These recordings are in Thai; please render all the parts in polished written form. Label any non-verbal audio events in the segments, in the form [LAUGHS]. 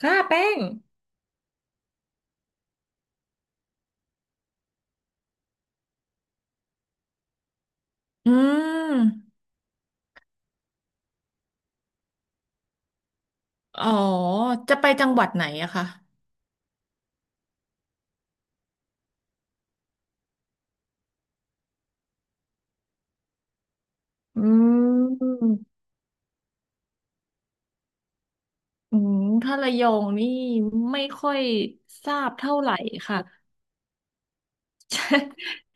ค่ะแป้งอืมอ๋อจะไปจังหวัดไหนอะคะอืมอืมถ้าระยองนี่ไม่ค่อยทราบเท่าไหร่ค่ะ [LAUGHS] ใช่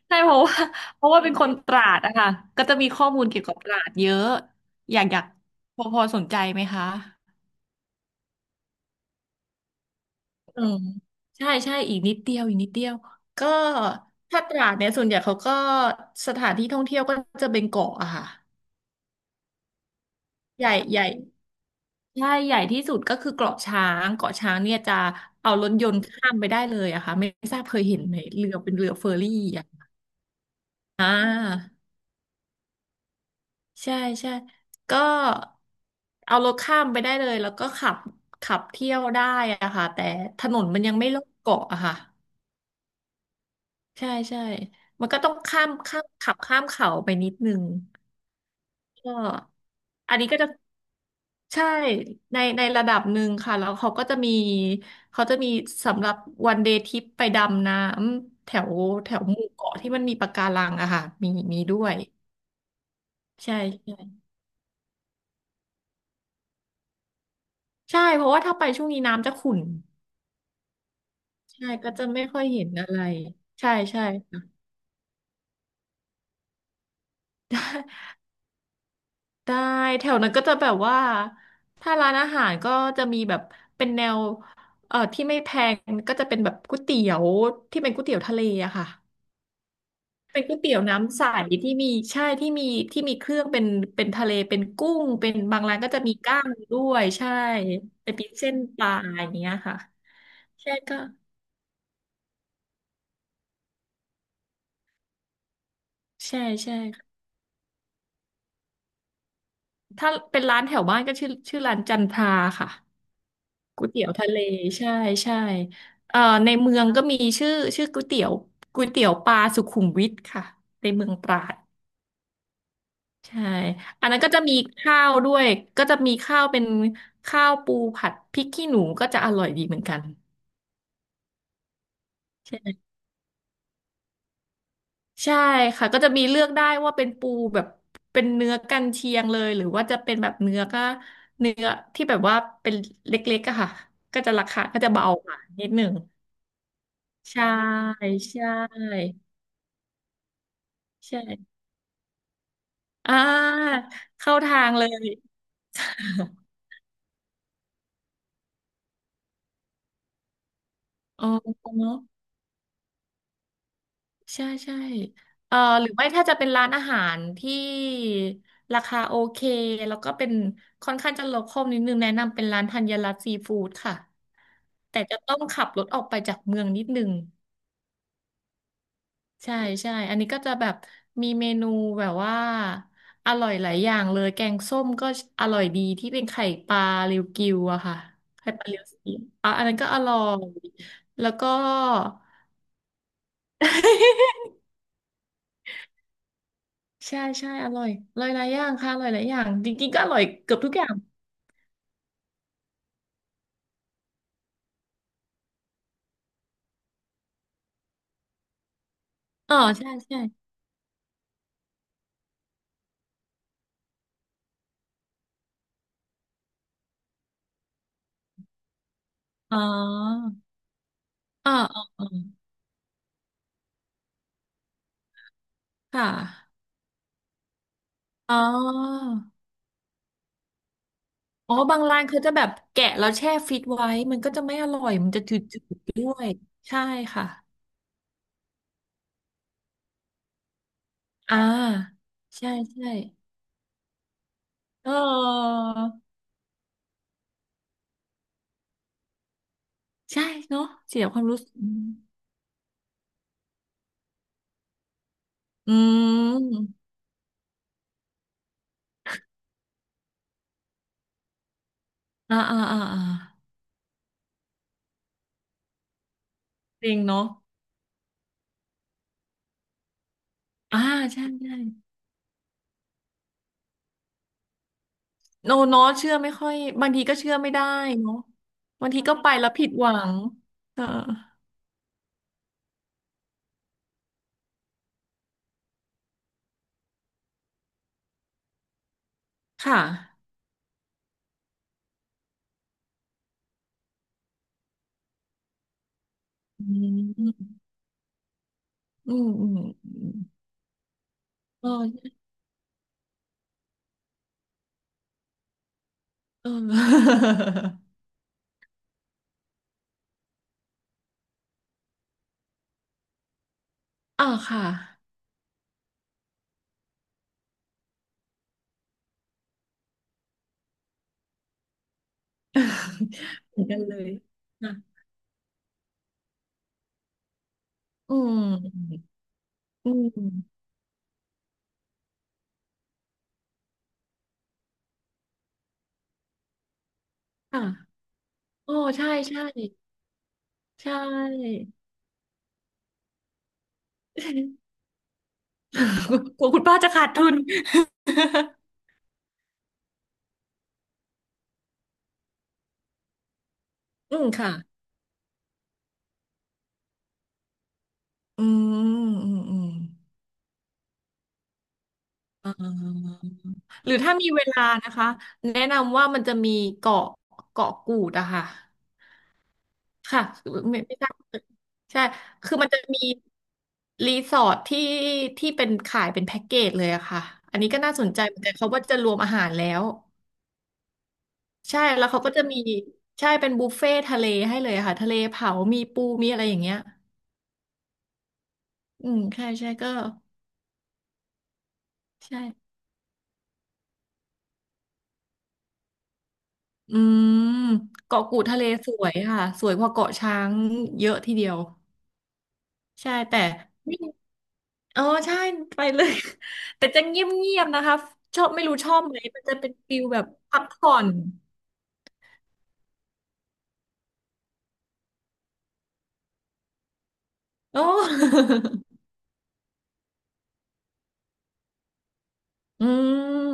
ใช่เพราะว่าเป็นคนตราดอะค่ะก็จะมีข้อมูลเกี่ยวกับตราดเยอะอยากอยากพอพอสนใจไหมคะอืมใช่ใช่อีกนิดเดียวอีกนิดเดียวก็ถ้าตราดเนี่ยส่วนใหญ่เขาก็สถานที่ท่องเที่ยวก็จะเป็นเกาะอะค่ะใหญ่ใหญ่ ใช่ใหญ่ที่สุดก็คือเกาะช้างเกาะช้างเนี่ยจะเอารถยนต์ข้ามไปได้เลยอะค่ะไม่ทราบเคยเห็นไหมเรือเป็นเรือเฟอร์รี่อะอ่าใช่ใช่ก็เอารถข้ามไปได้เลยแล้วก็ขับขับเที่ยวได้อะค่ะแต่ถนนมันยังไม่รอบเกาะอะค่ะใช่ใช่มันก็ต้องข้ามข้ามขับข้ามเขาไปนิดนึงก็อันนี้ก็จะ ใช่ในในระดับหนึ่งค่ะแล้วเขาก็จะมีเขาจะมีสำหรับวันเดย์ทริปไปดำน้ำแถวแถวหมู่เกาะที่มันมีปะการังอะค่ะมีมีด้วยใช่ใช่ใช่เพราะว่าถ้าไปช่วงนี้น้ำจะขุ่นใช่ก็จะไม่ค่อยเห็นอะไรใช่ใช่ [LAUGHS] ได้ได้แถวนั้นก็จะแบบว่าถ้าร้านอาหารก็จะมีแบบเป็นแนวที่ไม่แพงก็จะเป็นแบบก๋วยเตี๋ยวที่เป็นก๋วยเตี๋ยวทะเลอะค่ะ เป็นก๋วยเตี๋ยวน้ำใสที่มีใช่ที่มีเครื่องเป็นเป็นทะเลเป็นกุ้งเป็นบางร้านก็จะมีก้างด้วยใช่เป็นพริกเส้นปลาอย่างเงี้ยค่ะใช่ก็ใช่ใช่ค่ะถ้าเป็นร้านแถวบ้านก็ชื่อชื่อร้านจันทราค่ะก๋วยเตี๋ยวทะเลใช่ใช่เอ่อในเมืองก็มีชื่อชื่อก๋วยเตี๋ยวปลาสุขุมวิทค่ะในเมืองตราด ใช่อันนั้นก็จะมีข้าวด้วยก็จะมีข้าวเป็นข้าวปูผัดพริกขี้หนูก็จะอร่อยดีเหมือนกัน ใช่ไหมใช่ค่ะก็จะมีเลือกได้ว่าเป็นปูแบบเป็นเนื้อกันเชียงเลยหรือว่าจะเป็นแบบเนื้อก็เนื้อที่แบบว่าเป็นเล็กๆอะค่ะก็จะราคาก็จะเบากว่านิดหนึ่งใช่ใช่ใช่อ่าเข้าทางเลย [LAUGHS] อ๋อ ใช่ใช่หรือไม่ถ้าจะเป็นร้านอาหารที่ราคาโอเคแล้วก็เป็นค่อนข้างจะโลคอลนิดนึงแนะนำเป็นร้านธัญรัตน์ซีฟู้ดค่ะแต่จะต้องขับรถออกไปจากเมืองนิดนึงใช่ใช่อันนี้ก็จะแบบมีเมนูแบบว่าอร่อยหลายอย่างเลยแกงส้มก็อร่อยดีที่เป็นไข่ปลาเรียวกิวอะค่ะไข่ปลาเรียวสีอ่ะอันนั้นก็อร่อยแล้วก็ [LAUGHS] ใช่ใช่อร่อยอร่อยหลายอย่างค่ะอร่อยหลายอย่างจริงๆก็อร่อยเกือบทุกอย่างอ๋อใช่ใช่อ๋ออ๋ออ๋ออ๋อค่ะอ๋ออ๋อบางร้านเขาจะแบบแกะแล้วแช่ฟิตไว้มันก็จะไม่อร่อยมันจะจืดๆด้วยใช่ค่ะอ่าใช่ใช่เออใช่เนาะเสียความรู้สึกอืมอ่าอ่าอ่าอ่าจริงเนาะอ่าใช่ใช่ โนเนาะเชื่อไม่ค่อยบางทีก็เชื่อไม่ได้เนาะบางทีก็ไปแล้วผิดหวังเออค่ะอืมอืมอืมอืมเออเออ [LAUGHS] อ่าค่ะ [LAUGHS] เหมือนกันเลยค่ะอืมอืมค่ะโอ้ใช่ใช่ใช่ [LAUGHS] กลัวคุณป้าจะขาดทุน [LAUGHS] อืมค่ะอืมอืมอืม เอ่าหรือถ้ามีเวลานะคะแนะนำว่ามันจะมีเกาะเกาะกูดอะค่ะค่ะไม่ไม่ทราบใช่คือมันจะมีรีสอร์ทที่ที่เป็นขายเป็นแพ็กเกจเลยอะค่ะอันนี้ก็น่าสนใจเหมือนกันเขาว่าจะรวมอาหารแล้วใช่แล้วเขาก็จะมีใช่เป็นบุฟเฟ่ทะเลให้เลยอะค่ะทะเลเผามีปูมีอะไรอย่างเงี้ยอืมใช่ใช่ก็ใช่อืมเกาะกูดทะเลสวยค่ะสวยกว่าเกาะช้างเยอะทีเดียว ใช่แต่ไม่อ๋อใช่ไปเลย [LAUGHS] แต่จะเงียบๆนะคะชอบไม่รู้ชอบไหมมันจะเป็นฟิลแบบพักผ่อนโอ้ [LAUGHS] อื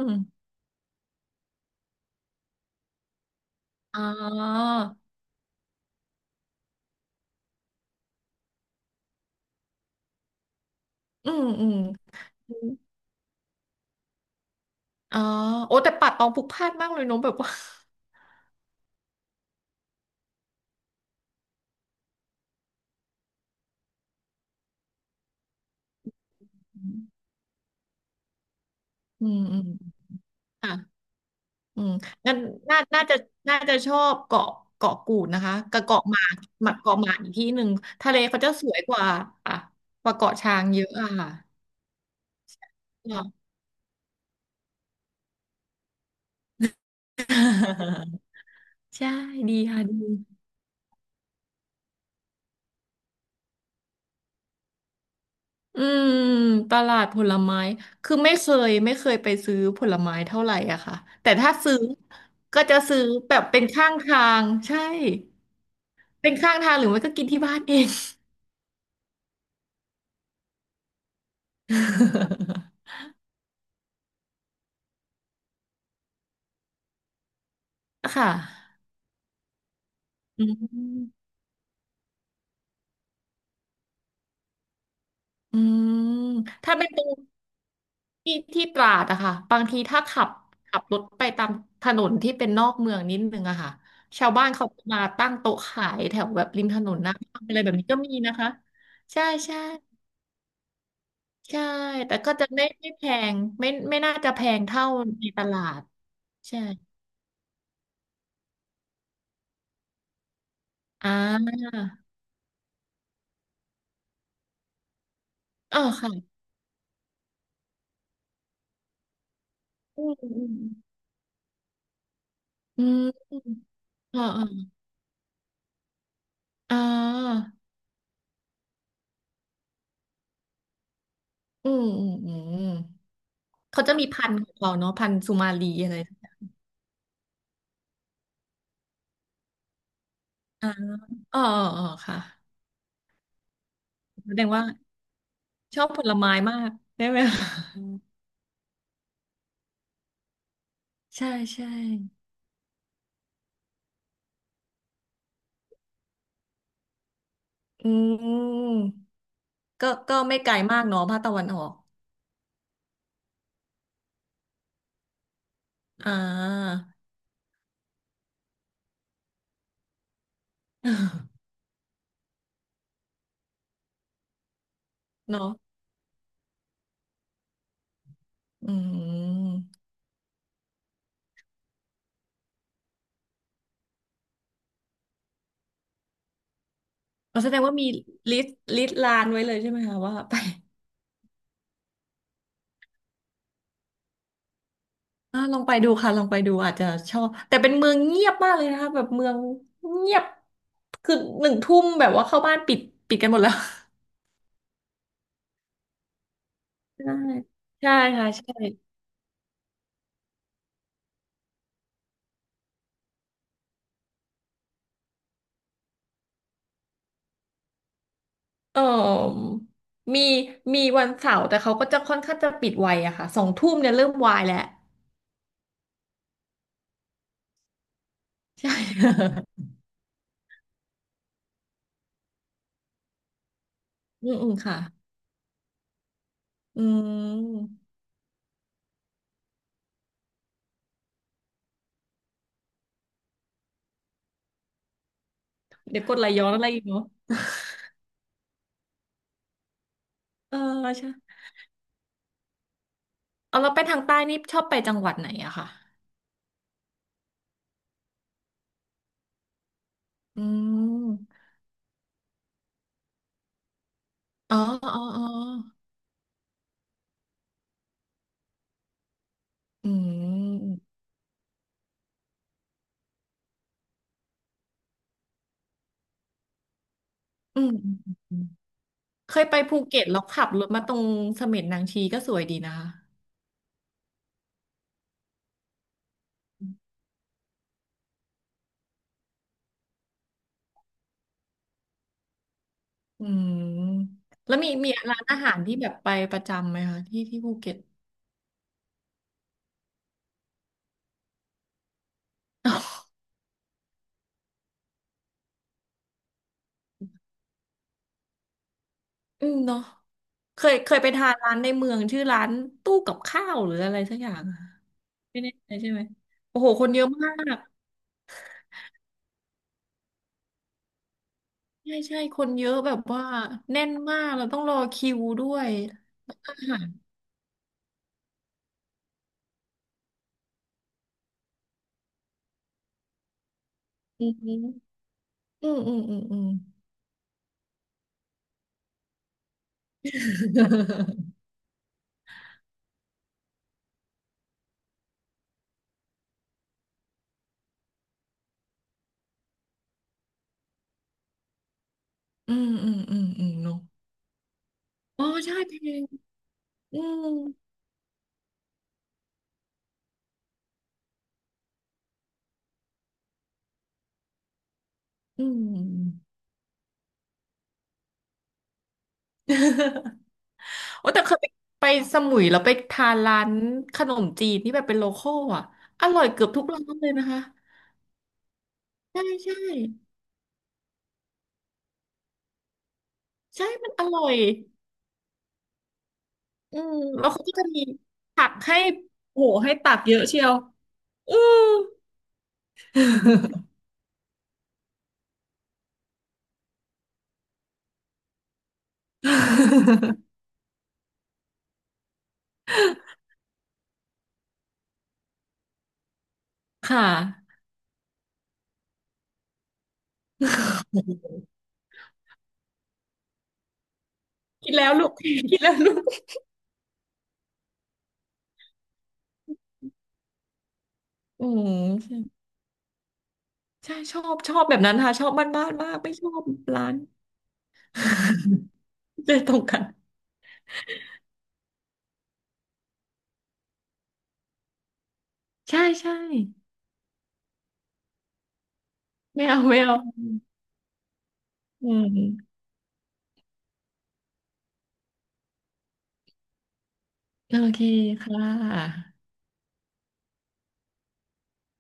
มอ๋ออืมอืมอมอ๋อโอ้แต่ป่าตองผูกพล่านมากเลยเนอะแบบว่า [LAUGHS] อืมอืมค่ะอืมงั้นน่าน่าจะน่าจะชอบเกาะเกาะกูดนะคะกับเกาะหมากหมากเกาะหมากอีกที่หนึ่งทะเลเขาจะสวยกว่าอ่ะกว่าเกาะช้างเยอะอ่ะค่ะ ใช่ดีค่ะดีอืมตลาดผลไม้คือไม่เคยไม่เคยไปซื้อผลไม้เท่าไหร่อะค่ะแต่ถ้าซื้อก็จะซื้อแบบเป็นข้างทางใช่เป็นข้างทางหรือไม่ก็กินที่บ้านเอง [LAUGHS] ค่ะอืมอืมถ้าเป็นตรง ที่ที่ตราดอะค่ะบางทีถ้าขับรถไปตามถนนที่เป็นนอกเมืองนิดนึงอะค่ะชาวบ้านเขาจะมาตั้งโต๊ะขายแถวแบบริมถนนหน้าบ้านอะไรแบบนี้ก็มีนะคะใช่ใช่ใช่แต่ก็จะไม่แพงไม่น่าจะแพงเท่าในตลาดใช่อ่าเออค่ะอืมอืมอืมอืมอ่าอ่าอาอืมอืมอืมเขาจะมีพันธุ์ของเขาเนาะพันธุ์สุมาลีอะไรอ่าอ๋ออ๋ออ๋อค่ะแสดงว่า ชอบผลไม้มากได้ไหมคะอืมใช่ใช่อืมก็ไม่ไกลมากเนาะภาคตะวันออกอ่า [LAUGHS] เนาะอืมอ๋อแสดงว่ามีลิสต์ลานไว้เลยใช่ไหมคะว่าไป [LAUGHS] อ่าลองไปดูค่ะลองไปดูอาจจะชอบแต่เป็นเมืองเงียบมากเลยนะคะแบบเมืองเงียบคือ1 ทุ่มแบบว่าเข้าบ้านปิดกันหมดแล้ว [LAUGHS] ใช่ใช่ค่ะใช่ เออมีมีวันเสาร์แต่เขาก็จะค่อนข้างจะปิดไวอะค่ะ2 ทุ่มเนี่ยเริ่มวายแล้วใช่ [LAUGHS] อืมอืมค่ะอืมเดี๋ยวกดไหลย้อนอะไรอีกเนาะเออใช่เอาเราไปทางใต้นี่ชอบไปจังหวัดไหนอะค่ะอืมอ๋ออ๋ออ๋ออืมอืมอืมอืมเคยไปภูเก็ตแล้วขับรถมาตรงเสม็ดนางชีก็สวยดีนะคะอืมแล้วมีร้านอาหารที่แบบไปประจำไหมคะที่ที่ภูเก็ต อืมเนาะเคยไปทานร้านในเมืองชื่อร้านตู้กับข้าวหรืออะไรสักอย่างอะไม่แน่ใจใช่ไหมโอ้โหคนเยอะมากใช่ใช่คนเยอะแบบว่าแน่นมากเราต้องรอคิวด้วยอาหารอืมอืมอืมอืมอืม [LAUGHS] อืมอืม [LAUGHS] อืมอืมเนาะอ๋อใช่เพลงอืมอืม [LAUGHS] โอ้แต่เคยไปสมุยแล้วไปทานร้านขนมจีนที่แบบเป็นโลคอลอ่ะอร่อยเกือบทุกร้านเลยนะคะใช่ใช่ ใช่มันอร่อยอืมแล้วเขาก็จะมีผักให้โอ้โหให้ตักเยอะเชียว อือค่ะ [LAUGHS] คิดแล้วลูก [LAUGHS] คิดแล้วลูกอืมใช่ชอบแบบนั้นค่ะชอบบ้านบามากไม่ชอบร้าน [LAUGHS] เลยตรงกันใช่ใช่ใช่ไม่เอาไม่เอาอืมโอเคค่ะ